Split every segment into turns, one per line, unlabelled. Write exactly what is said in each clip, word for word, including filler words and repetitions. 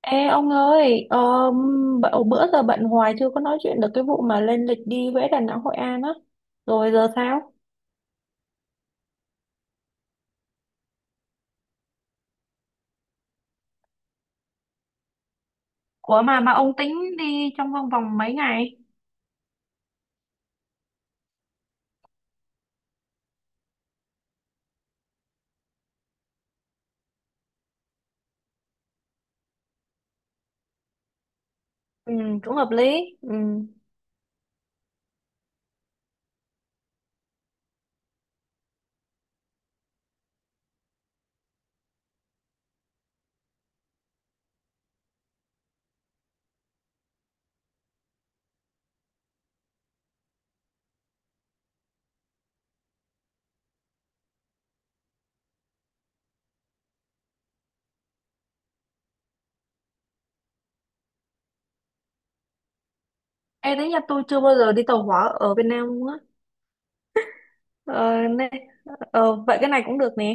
Ê ông ơi, ờ, b- bữa giờ bận hoài chưa có nói chuyện được cái vụ mà lên lịch đi Huế, Đà Nẵng, Hội An á. Rồi giờ sao? Ủa mà mà ông tính đi trong vòng vòng mấy ngày? Ừ, cũng hợp lý. Ừ. Ê, đấy nhà tôi chưa bao giờ đi tàu hỏa ở Việt Nam luôn á. Ờ, nè, ờ, vậy cái này cũng được nè.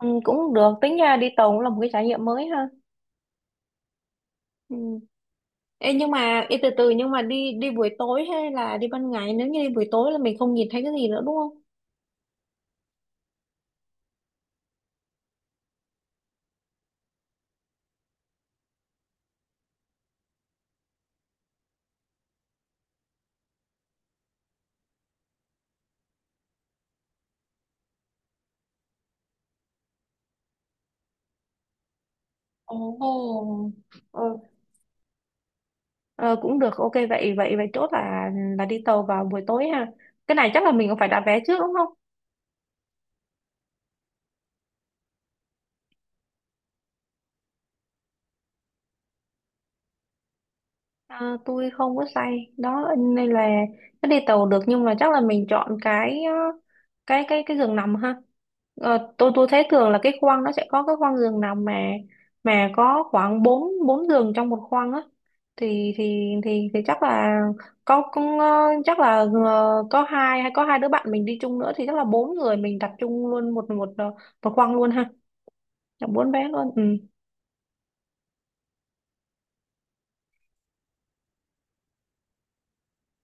Ừ, cũng được, tính ra đi tàu cũng là một cái trải nghiệm mới ha. Ừ. Ê, nhưng mà ê, từ từ, nhưng mà đi đi buổi tối hay là đi ban ngày? Nếu như đi buổi tối là mình không nhìn thấy cái gì nữa đúng không? Ồ. Ừ. Ờ, cũng được, ok, vậy vậy vậy chốt là là đi tàu vào buổi tối ha. Cái này chắc là mình cũng phải đặt vé trước đúng không? À, tôi không có say đó nên là nó đi tàu được, nhưng mà chắc là mình chọn cái ờ, cái cái cái giường nằm ha. Ờ, tôi tôi thấy thường là cái khoang nó sẽ có cái khoang giường nằm mà mà có khoảng bốn bốn giường trong một khoang á, thì thì thì thì chắc là có cũng, ờ, chắc là ờ, có hai hay có hai đứa bạn mình đi chung nữa thì chắc là bốn người mình đặt chung luôn một một ờ, một khoang luôn ha. Là bốn bé luôn, ừ.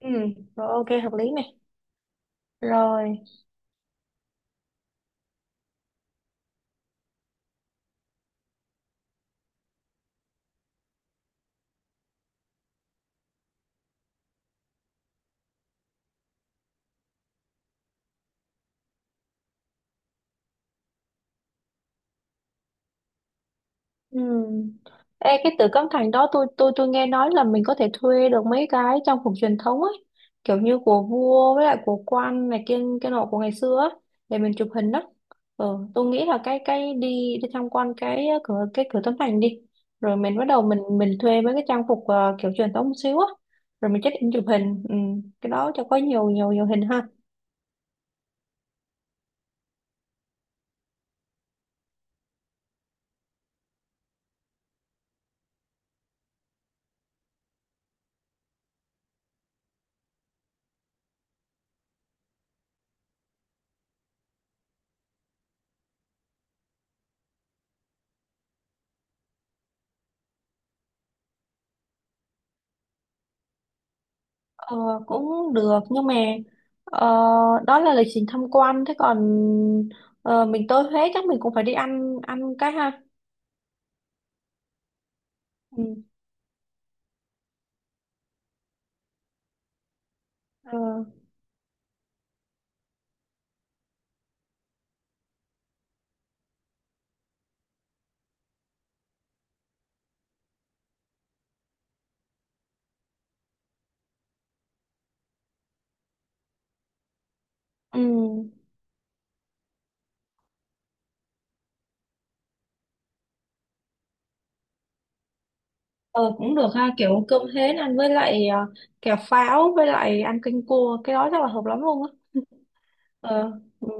Ừ, rồi ok, hợp lý này. Rồi. Ừ. Ê, cái từ Cấm Thành đó tôi tôi tôi nghe nói là mình có thể thuê được mấy cái trang phục truyền thống ấy, kiểu như của vua với lại của quan này kia cái nọ của ngày xưa á, để mình chụp hình đó. Ừ, tôi nghĩ là cái cái đi đi tham quan cái ờ, cửa cái cửa Tấm Thành đi, rồi mình bắt đầu mình mình thuê mấy cái trang phục ờ, kiểu truyền thống một xíu á, rồi mình check in chụp hình, ừ, cái đó cho có nhiều nhiều nhiều hình ha. Ờ, cũng được, nhưng mà ờ, đó là lịch trình tham quan, thế còn ờ, mình tới Huế chắc mình cũng phải đi ăn ăn cái ha. Ừ. Ờ, ừ. Ờ, cũng được ha, kiểu cơm hến ăn với lại ờ, kẹo pháo với lại ăn canh cua cái đó chắc là hợp lắm luôn á. Ờ, ừ.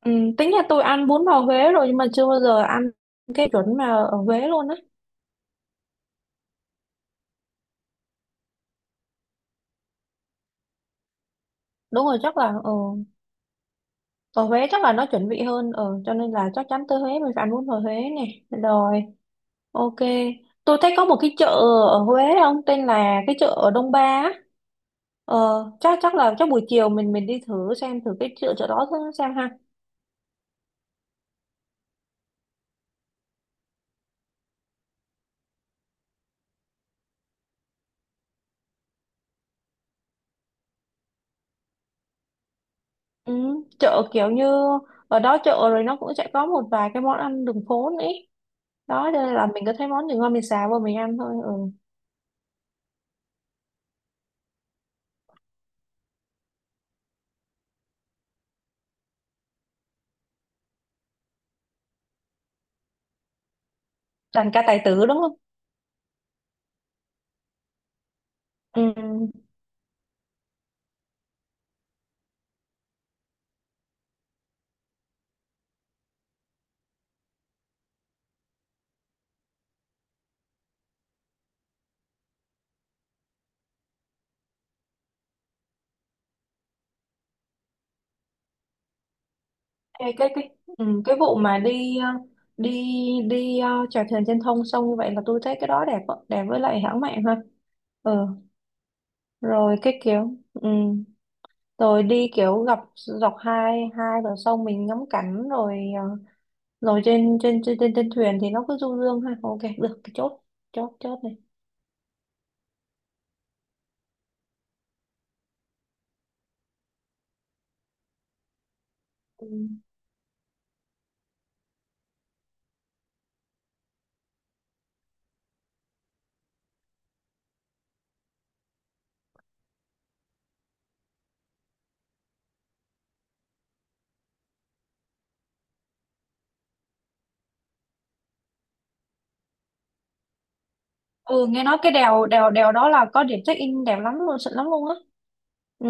Ừ. Tính là tôi ăn bún bò Huế rồi nhưng mà chưa bao giờ ăn cái chuẩn mà ở Huế luôn á. Đúng rồi, chắc là ờ, ở Huế chắc là nó chuẩn vị hơn, ờ cho nên là chắc chắn tới Huế mình phải ăn bún bò Huế này rồi. Ok, tôi thấy có một cái chợ ở Huế không, tên là cái chợ ở Đông Ba á. Ờ, chắc chắc là chắc buổi chiều mình mình đi thử xem thử cái chợ chợ đó thử xem ha. Ừ, chợ kiểu như ở đó chợ rồi, nó cũng sẽ có một vài cái món ăn đường phố nữa, ý. Đó, cho nên là mình cứ thấy món gì ngon mình xào vào mình ăn thôi. Ừ. Đàn ca tài tử đúng không? Ừ. Ê, cái cái ừ, cái vụ mà đi ờ, đi đi ờ, chèo thuyền trên thông sông như vậy là tôi thấy cái đó đẹp ạ, đẹp với lại hãng mạng ha. Ừ. Rồi cái kiểu, ừ, rồi đi kiểu dọc dọc hai hai bờ sông mình ngắm cảnh rồi, ờ, rồi trên trên trên trên, trên thuyền thì nó cứ du dương ha. Ok, được cái chốt chốt chốt này, ừ. Ừ, nghe nói cái đèo đèo đèo đó là có điểm check in đẹp lắm luôn, xịn lắm luôn á. Ừ,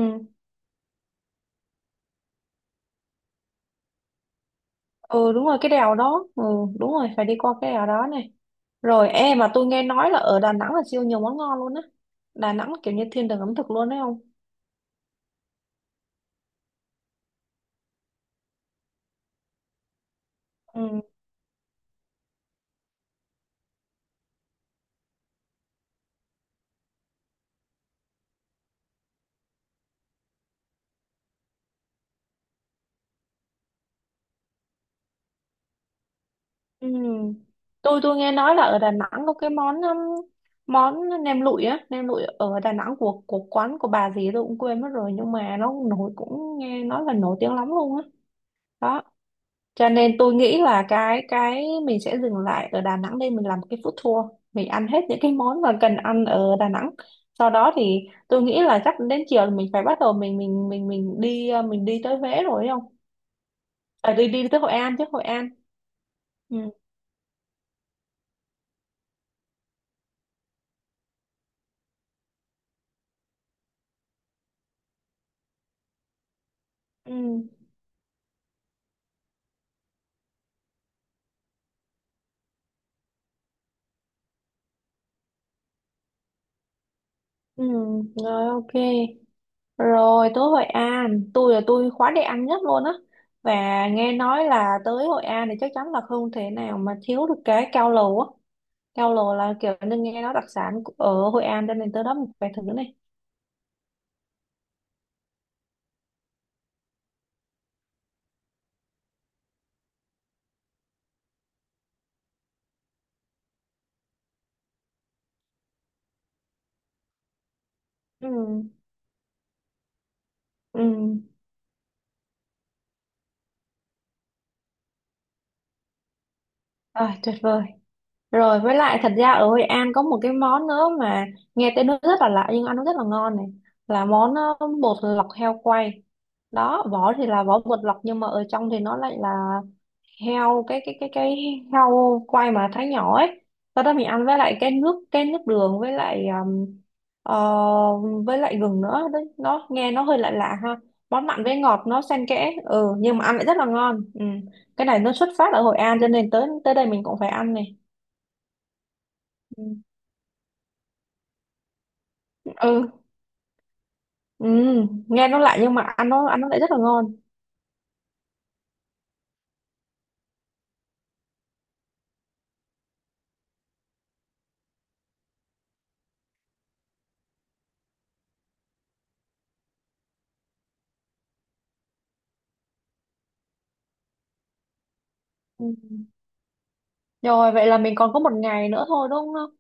ừ, đúng rồi, cái đèo đó, ừ, đúng rồi phải đi qua cái đèo đó này. Rồi em mà, tôi nghe nói là ở Đà Nẵng là siêu nhiều món ngon luôn á. Đà Nẵng kiểu như thiên đường ẩm thực luôn đấy không. Ừ. Ừ. Tôi tôi nghe nói là ở Đà Nẵng có cái món um, món nem lụi á, nem lụi ở Đà Nẵng của của quán của bà gì tôi cũng quên mất rồi, nhưng mà nó nổi, cũng nghe nói là nổi tiếng lắm luôn á. Đó. Cho nên tôi nghĩ là cái cái mình sẽ dừng lại ở Đà Nẵng đây, mình làm cái food tour, mình ăn hết những cái món mà cần ăn ở Đà Nẵng. Sau đó thì tôi nghĩ là chắc đến chiều là mình phải bắt đầu mình mình mình mình đi uh, mình đi tới Huế rồi đấy không? À, đi đi tới Hội An chứ, Hội An. Ừ. Ừ. Ừ, rồi ok. Rồi tới Hội An, tôi là tôi khóa đi ăn nhất luôn á. Và nghe nói là tới Hội An thì chắc chắn là không thể nào mà thiếu được cái cao lầu á. Cao lầu là kiểu như nghe nói đặc sản của- ở Hội An, cho nên tới đó mình phải thử này. Ừ, ừ. À, tuyệt vời. Rồi với lại thật ra ở Hội An có một cái món nữa mà nghe tên nó rất là lạ nhưng ăn nó rất là ngon này. Là món ờ, bột lọc heo quay. Đó, vỏ thì là vỏ bột lọc nhưng mà ở trong thì nó lại là heo cái cái cái cái heo quay mà thái nhỏ ấy, sau đó mình ăn với lại cái nước cái nước đường với lại um, ờ, với lại gừng nữa đấy, nó nghe nó hơi lạ lạ ha. Món mặn với ngọt nó xen kẽ, ừ, nhưng mà ăn lại rất là ngon, ừ. Cái này nó xuất phát ở Hội An cho nên tới tới đây mình cũng phải ăn này. Ừ. Ừ. Ừ. Nghe nó lạ nhưng mà ăn nó ăn nó lại rất là ngon, ừ. Rồi vậy là mình còn có một ngày nữa thôi đúng không?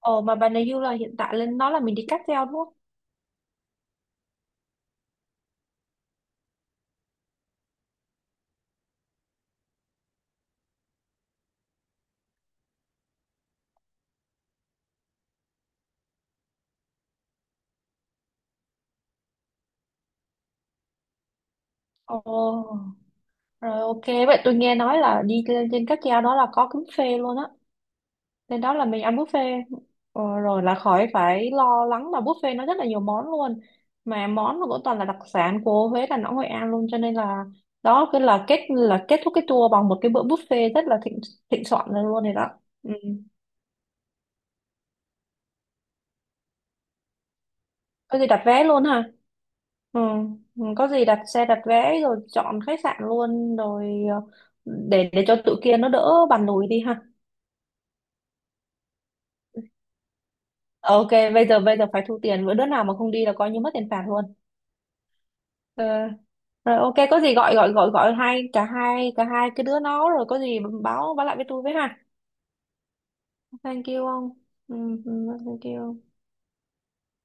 Ồ, mà bà này như là hiện tại lên nó là mình đi cáp treo đúng không? Ồ. Rồi ok, vậy tôi nghe nói là đi lên trên cáp treo đó là có buffet luôn á. Lên đó là mình ăn buffet. Ờ, rồi là khỏi phải lo lắng, là buffet nó rất là nhiều món luôn. Mà món nó cũng toàn là đặc sản của Huế, Đà Nẵng, Hội An luôn. Cho nên là đó cứ là kết là kết thúc cái tour bằng một cái bữa buffet rất là thịnh thịnh soạn rồi luôn này đó. Ừ. Có gì đặt vé luôn ha. Ừ. Ừ, có gì đặt xe đặt vé rồi chọn khách sạn luôn rồi, ờ, để để cho tụi kia nó đỡ bàn lùi đi ha. Ok, bây giờ bây giờ phải thu tiền, bữa đứa nào mà không đi là coi như mất tiền phạt luôn. Ờ, rồi ok, có gì gọi gọi gọi gọi hai cả hai cả hai cái đứa nó rồi có gì báo báo lại với tôi với ha. Thank you ông. Ừ, ừ, thank you.